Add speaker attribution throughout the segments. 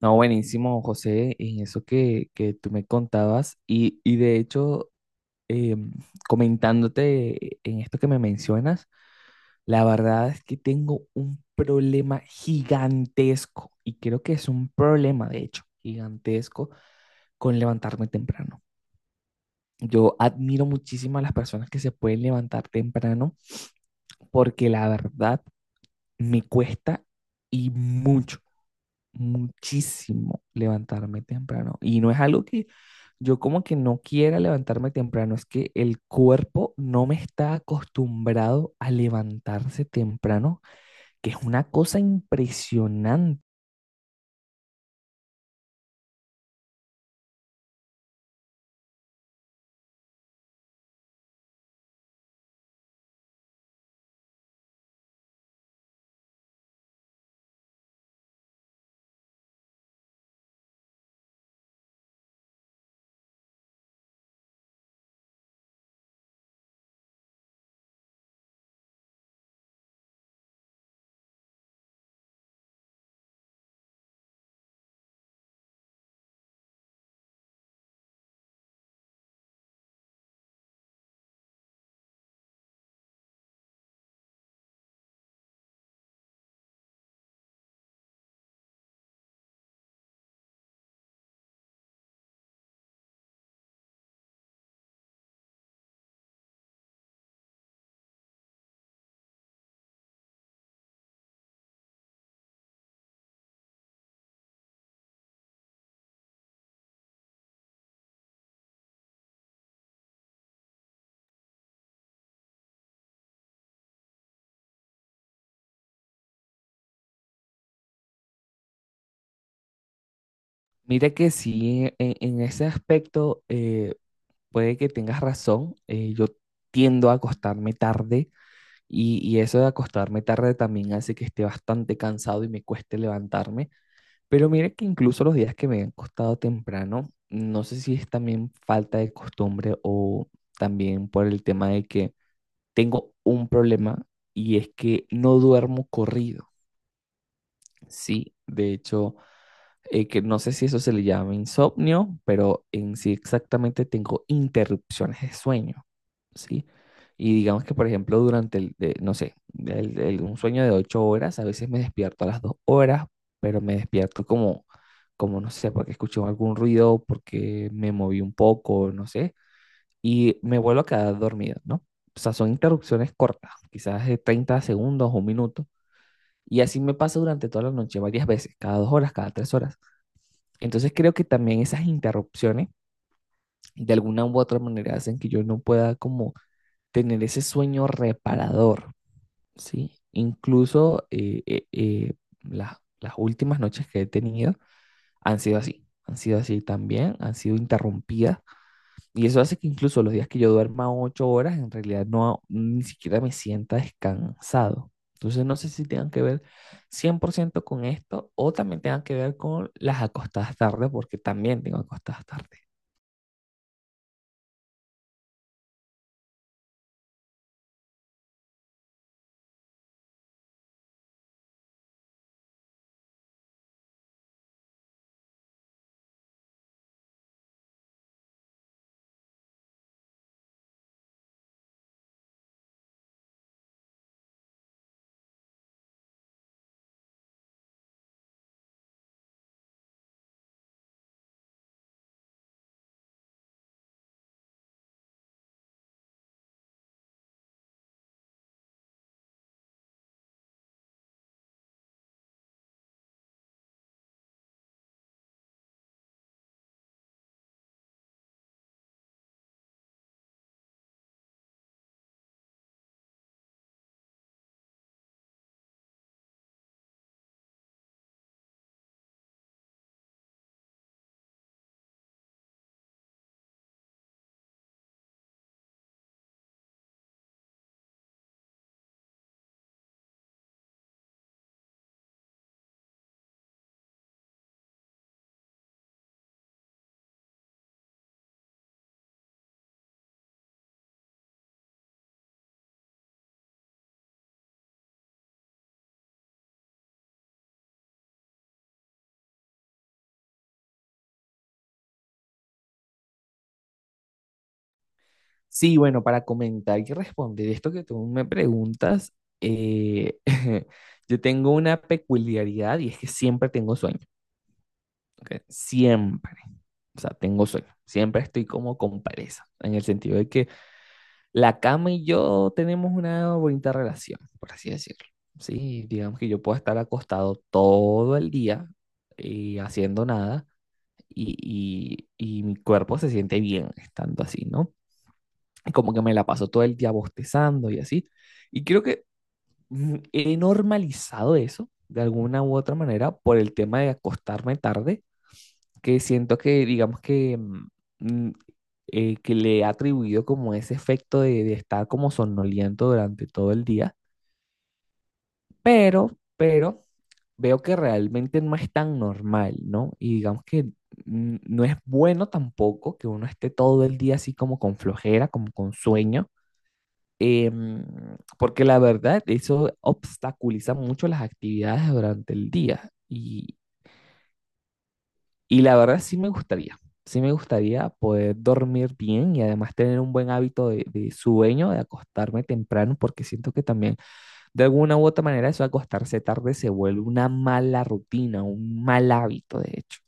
Speaker 1: No, buenísimo, José, en eso que, tú me contabas y, de hecho, em, comentándote en esto que me mencionas, la verdad es que tengo un problema gigantesco y creo que es un problema, de hecho, gigantesco con levantarme temprano. Yo admiro muchísimo a las personas que se pueden levantar temprano porque la verdad me cuesta y mucho. Muchísimo levantarme temprano. Y no es algo que yo como que no quiera levantarme temprano, es que el cuerpo no me está acostumbrado a levantarse temprano, que es una cosa impresionante. Mira que sí, en ese aspecto puede que tengas razón, yo tiendo a acostarme tarde. Y, eso de acostarme tarde también hace que esté bastante cansado y me cueste levantarme. Pero mire que incluso los días que me han costado temprano, no sé si es también falta de costumbre o también por el tema de que tengo un problema y es que no duermo corrido. Sí, de hecho, que no sé si eso se le llama insomnio, pero en sí exactamente tengo interrupciones de sueño, ¿sí? Y digamos que, por ejemplo, durante no sé, un sueño de 8 horas, a veces me despierto a las 2 horas, pero me despierto como no sé, porque escuché algún ruido, porque me moví un poco, no sé, y me vuelvo a quedar dormido, ¿no? O sea, son interrupciones cortas, quizás de 30 segundos o 1 minuto, y así me pasa durante toda la noche, varias veces, cada 2 horas, cada 3 horas. Entonces creo que también esas interrupciones de alguna u otra manera hacen que yo no pueda como tener ese sueño reparador, ¿sí? Incluso las últimas noches que he tenido han sido así también, han sido interrumpidas y eso hace que incluso los días que yo duerma 8 horas en realidad no ni siquiera me sienta descansado. Entonces no sé si tengan que ver 100% con esto o también tengan que ver con las acostadas tarde, porque también tengo acostadas tarde. Sí, bueno, para comentar y responder esto que tú me preguntas, eh, yo tengo una peculiaridad y es que siempre tengo sueño, ¿ok? Siempre, o sea, tengo sueño, siempre estoy como con pereza, en el sentido de que la cama y yo tenemos una bonita relación, por así decirlo, ¿sí? Digamos que yo puedo estar acostado todo el día y haciendo nada y, y mi cuerpo se siente bien estando así, ¿no? Y como que me la paso todo el día bostezando y así. Y creo que he normalizado eso de alguna u otra manera por el tema de acostarme tarde, que siento que, digamos que, mm, que le he atribuido como ese efecto de, estar como somnoliento durante todo el día, pero, pero veo que realmente no es tan normal, ¿no? Y digamos que no es bueno tampoco que uno esté todo el día así como con flojera, como con sueño. Em, Porque la verdad, eso obstaculiza mucho las actividades durante el día. Y, la verdad sí me gustaría poder dormir bien y además tener un buen hábito de, sueño, de acostarme temprano, porque siento que también de alguna u otra manera eso de acostarse tarde se vuelve una mala rutina, un mal hábito, de hecho.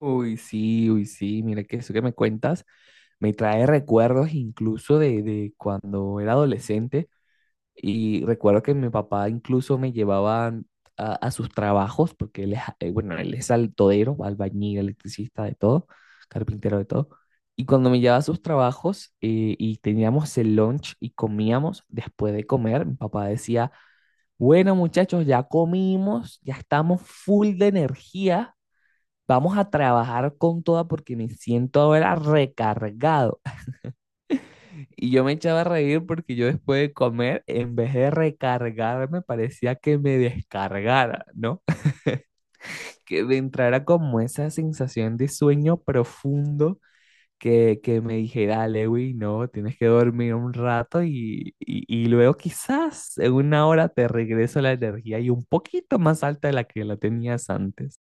Speaker 1: Uy, sí, mira que eso que me cuentas me trae recuerdos incluso de, cuando era adolescente. Y recuerdo que mi papá incluso me llevaba a, sus trabajos, porque él es, bueno, él es altodero, albañil, electricista, de todo, carpintero, de todo. Y cuando me llevaba a sus trabajos y teníamos el lunch y comíamos, después de comer, mi papá decía, bueno muchachos, ya comimos, ya estamos full de energía, vamos a trabajar con toda porque me siento ahora recargado. Y yo me echaba a reír porque yo después de comer, en vez de recargarme, parecía que me descargara, ¿no? Que me entrara como esa sensación de sueño profundo que, me dijera, Lewi, no, tienes que dormir un rato y, y luego quizás en 1 hora te regreso la energía y un poquito más alta de la que la tenías antes.